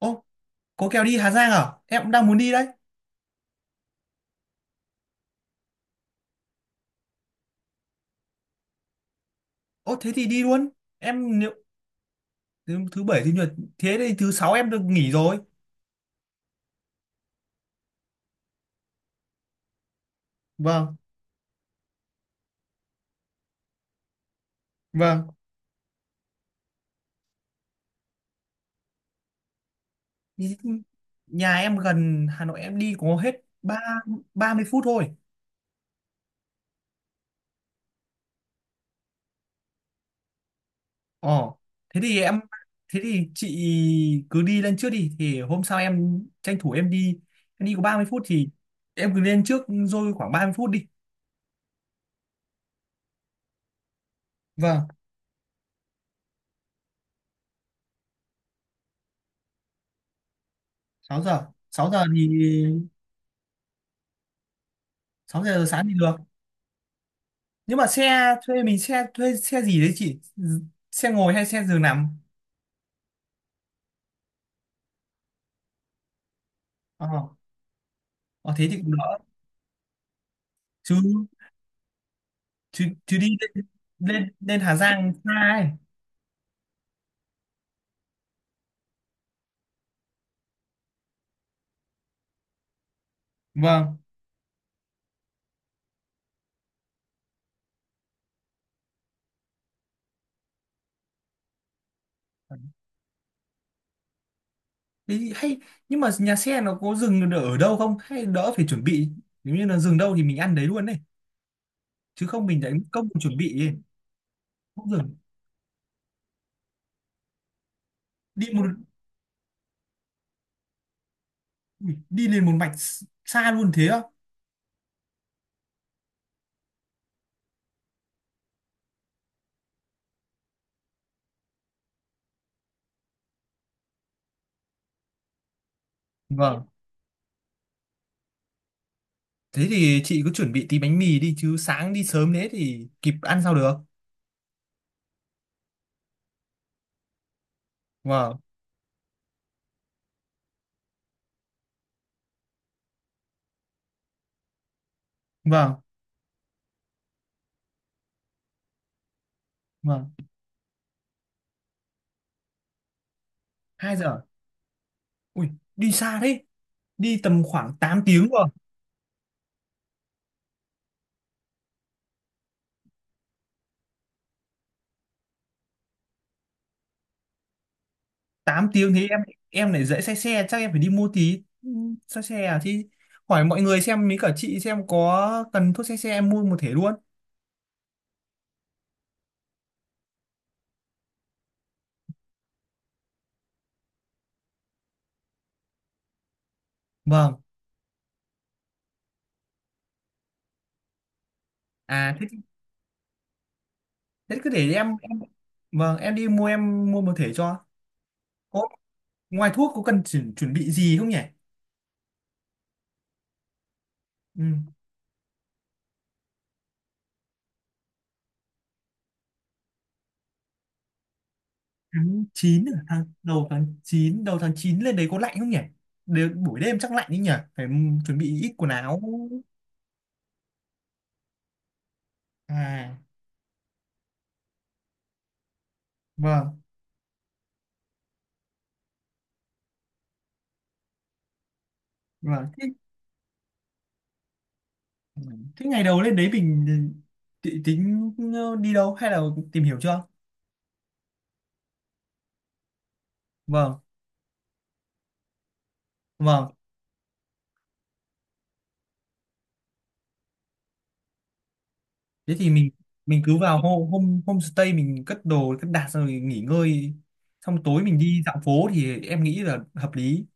Ô, có kèo đi Hà Giang à? Em cũng đang muốn đi đấy. Ô, thế thì đi luôn. Em nếu thứ bảy thứ nhật thế thì thứ sáu em được nghỉ rồi. Vâng, vâng. Ý- Nhà em gần Hà Nội em đi có hết ba ba mươi phút thôi. Ồ, thế thì em thế thì chị cứ đi lên trước đi thì hôm sau em tranh thủ em đi. Em đi có 30 phút thì em cứ lên trước rồi khoảng 30 phút đi. Vâng, 6 giờ. Sáu giờ thì 6 giờ sáng thì được. Nhưng mà xe thuê xe gì đấy chị? Ừ, xe ngồi hay xe giường nằm? ờ ờ, thế thì cũng đỡ, chứ chứ chứ đi lên, lên Hà Giang xa ấy. Vâng, thế thì hay. Nhưng mà nhà xe nó có dừng ở đâu không hay đỡ phải chuẩn bị? Nếu như là dừng đâu thì mình ăn đấy luôn này, chứ không mình lại mất công chuẩn bị ấy. Không dừng. Đi một Ui, đi lên một mạch xa luôn thế á? Vâng, thế thì chị cứ chuẩn bị tí bánh mì đi chứ sáng đi sớm thế thì kịp ăn sao được. Vâng. Vâng. Vâng. Hai giờ. Ui, đi xa đấy, đi tầm khoảng 8 tiếng rồi. Tám tiếng thế em lại dễ say xe, chắc em phải đi mua tí. Ừ, say xe à thì hỏi mọi người xem mấy cả chị xem có cần thuốc say xe em mua một thể luôn. Vâng. À thế, thế cứ để em. Vâng, em đi mua em mua một thể cho có. Ngoài thuốc có cần chuẩn bị gì không nhỉ? Ừ. Tháng 9 à? Tháng đầu tháng 9 Đầu tháng 9 lên đấy có lạnh không nhỉ? Đều, buổi đêm chắc lạnh đấy nhỉ, phải, ừ, chuẩn bị ít quần áo. À vâng, vâng thế, thế ngày đầu lên đấy mình tính đi đâu hay là tìm hiểu chưa? Vâng. Vâng, thế thì mình cứ vào hôm hôm homestay mình cất đồ cất đặt xong rồi nghỉ ngơi, xong tối mình đi dạo phố thì em nghĩ là hợp lý,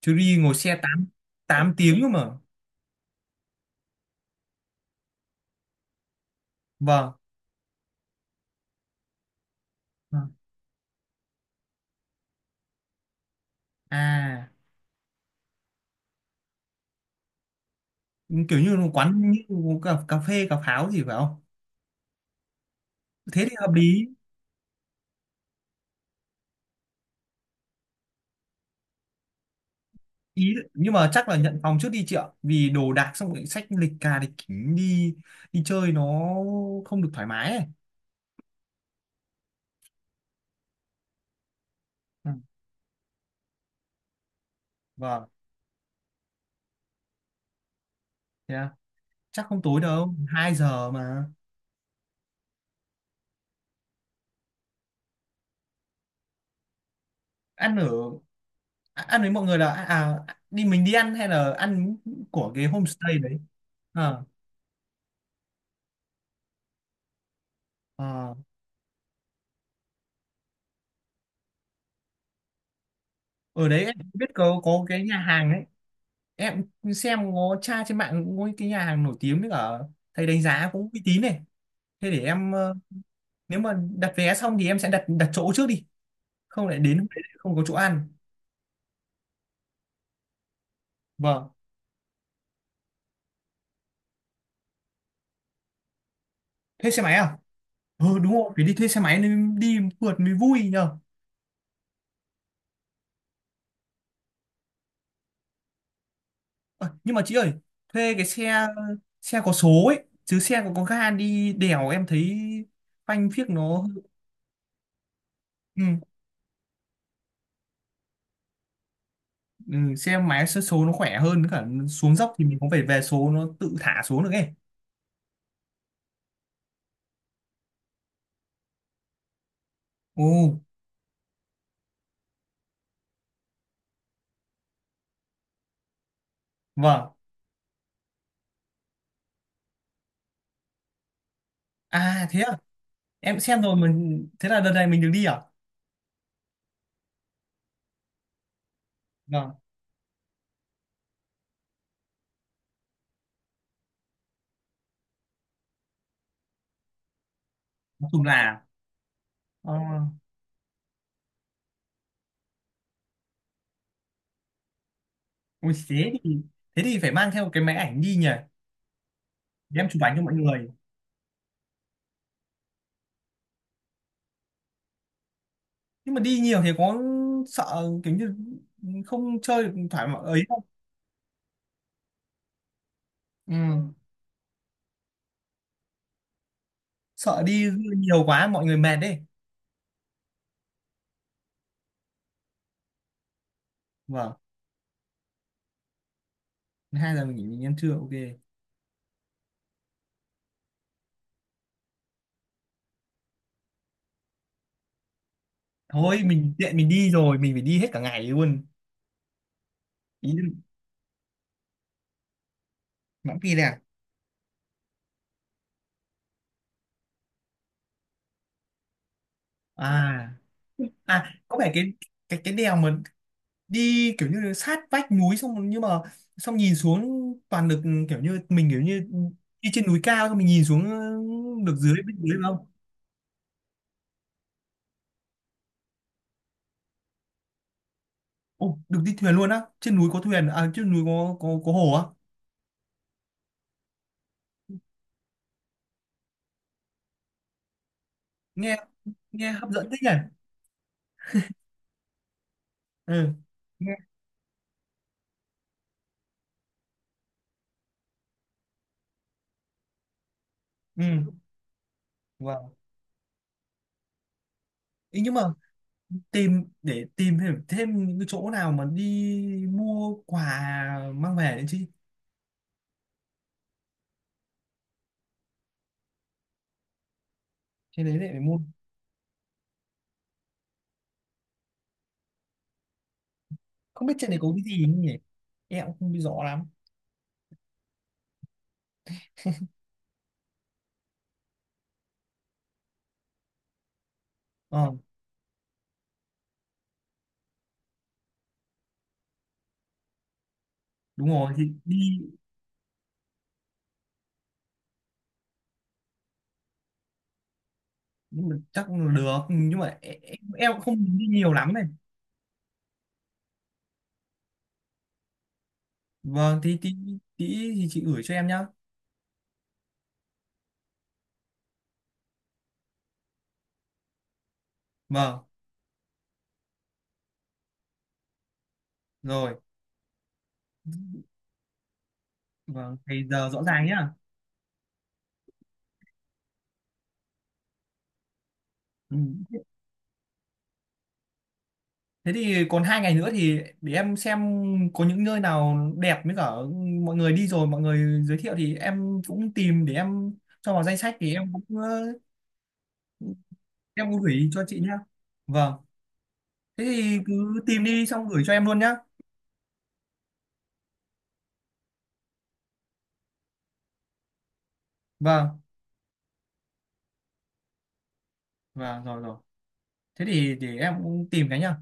chứ đi ngồi xe 8 8 tiếng cơ mà. Vâng. Vâng. À, kiểu như là quán như cà phê cà pháo gì phải không? Thế thì hợp lý. Ý nhưng mà chắc là nhận phòng trước đi chị ạ vì đồ đạc xong rồi sách lịch cà lịch kính đi, đi chơi nó không được thoải mái ấy. Ừ. Vâng. Thế à? Chắc không tối đâu, 2 giờ mà. Ăn ở, à, ăn với mọi người là à đi mình đi ăn hay là ăn của cái homestay đấy? À, à. Ở đấy em biết có cái nhà hàng ấy, em xem có tra trên mạng có cái nhà hàng nổi tiếng với cả thầy đánh giá cũng uy tín này. Thế để em, ờ, nếu mà đặt vé xong thì em sẽ đặt đặt chỗ trước đi, không lại đến hôm đấy lại không có chỗ ăn. Vâng. Thuê xe máy à? Ừ đúng rồi, phải đi thuê xe máy nên đi phượt mới vui nhờ. Ờ, nhưng mà chị ơi, thuê cái xe xe có số ấy chứ xe có ga đi đèo em thấy phanh phiếc nó. Ừ, ừ, xe máy số, số nó khỏe hơn cả, xuống dốc thì mình cũng phải về số nó tự thả xuống được ấy. Ồ. Vâng. À thế à, em xem rồi, mình thế là đợt này mình được đi à. Vâng, nói chung là ờ, ui thế thì, thế thì phải mang theo cái máy ảnh đi nhỉ, để em chụp ảnh cho mọi người. Nhưng mà đi nhiều thì có sợ kiểu như không chơi được thoải mái ấy không? Ừ. Sợ đi nhiều quá mọi người mệt đấy. Vâng, hai giờ mình nghỉ mình ăn trưa, ok. Thôi mình tiện mình đi rồi mình phải đi hết cả ngày luôn. Ý Mãn Kỳ đây à? À à có phải cái đèo mà đi kiểu như sát vách núi xong rồi, nhưng mà xong nhìn xuống toàn được kiểu như mình kiểu như đi trên núi cao xong mình nhìn xuống được dưới bên dưới không? Ồ, được đi thuyền luôn á, trên núi có thuyền, à trên núi có hồ á. Nghe, nghe hấp dẫn thế nhỉ. Ừ. Nghe. Ừ. Wow. Ý nhưng mà tìm để tìm thêm thêm những cái chỗ nào mà đi mua quà mang về đấy chứ. Trên đấy lại phải mua. Không biết trên đấy có cái gì không nhỉ? Em cũng không biết rõ lắm. Ờ, đúng rồi thì đi nhưng mà chắc là được nhưng mà em cũng không đi nhiều lắm này. Vâng, thì tí tí thì chị gửi cho em nhá. Vâng, rồi. Vâng, thì giờ rõ ràng nhá. Ừ. Thế thì còn hai ngày nữa thì để em xem có những nơi nào đẹp với cả mọi người đi rồi mọi người giới thiệu thì em cũng tìm để em cho vào danh sách thì em cũng ờ, em cũng gửi cho chị nhá. Vâng. Thế thì cứ tìm đi xong gửi cho em luôn nhá. Vâng. Vâng rồi rồi. Thế thì để em cũng tìm cái nhá.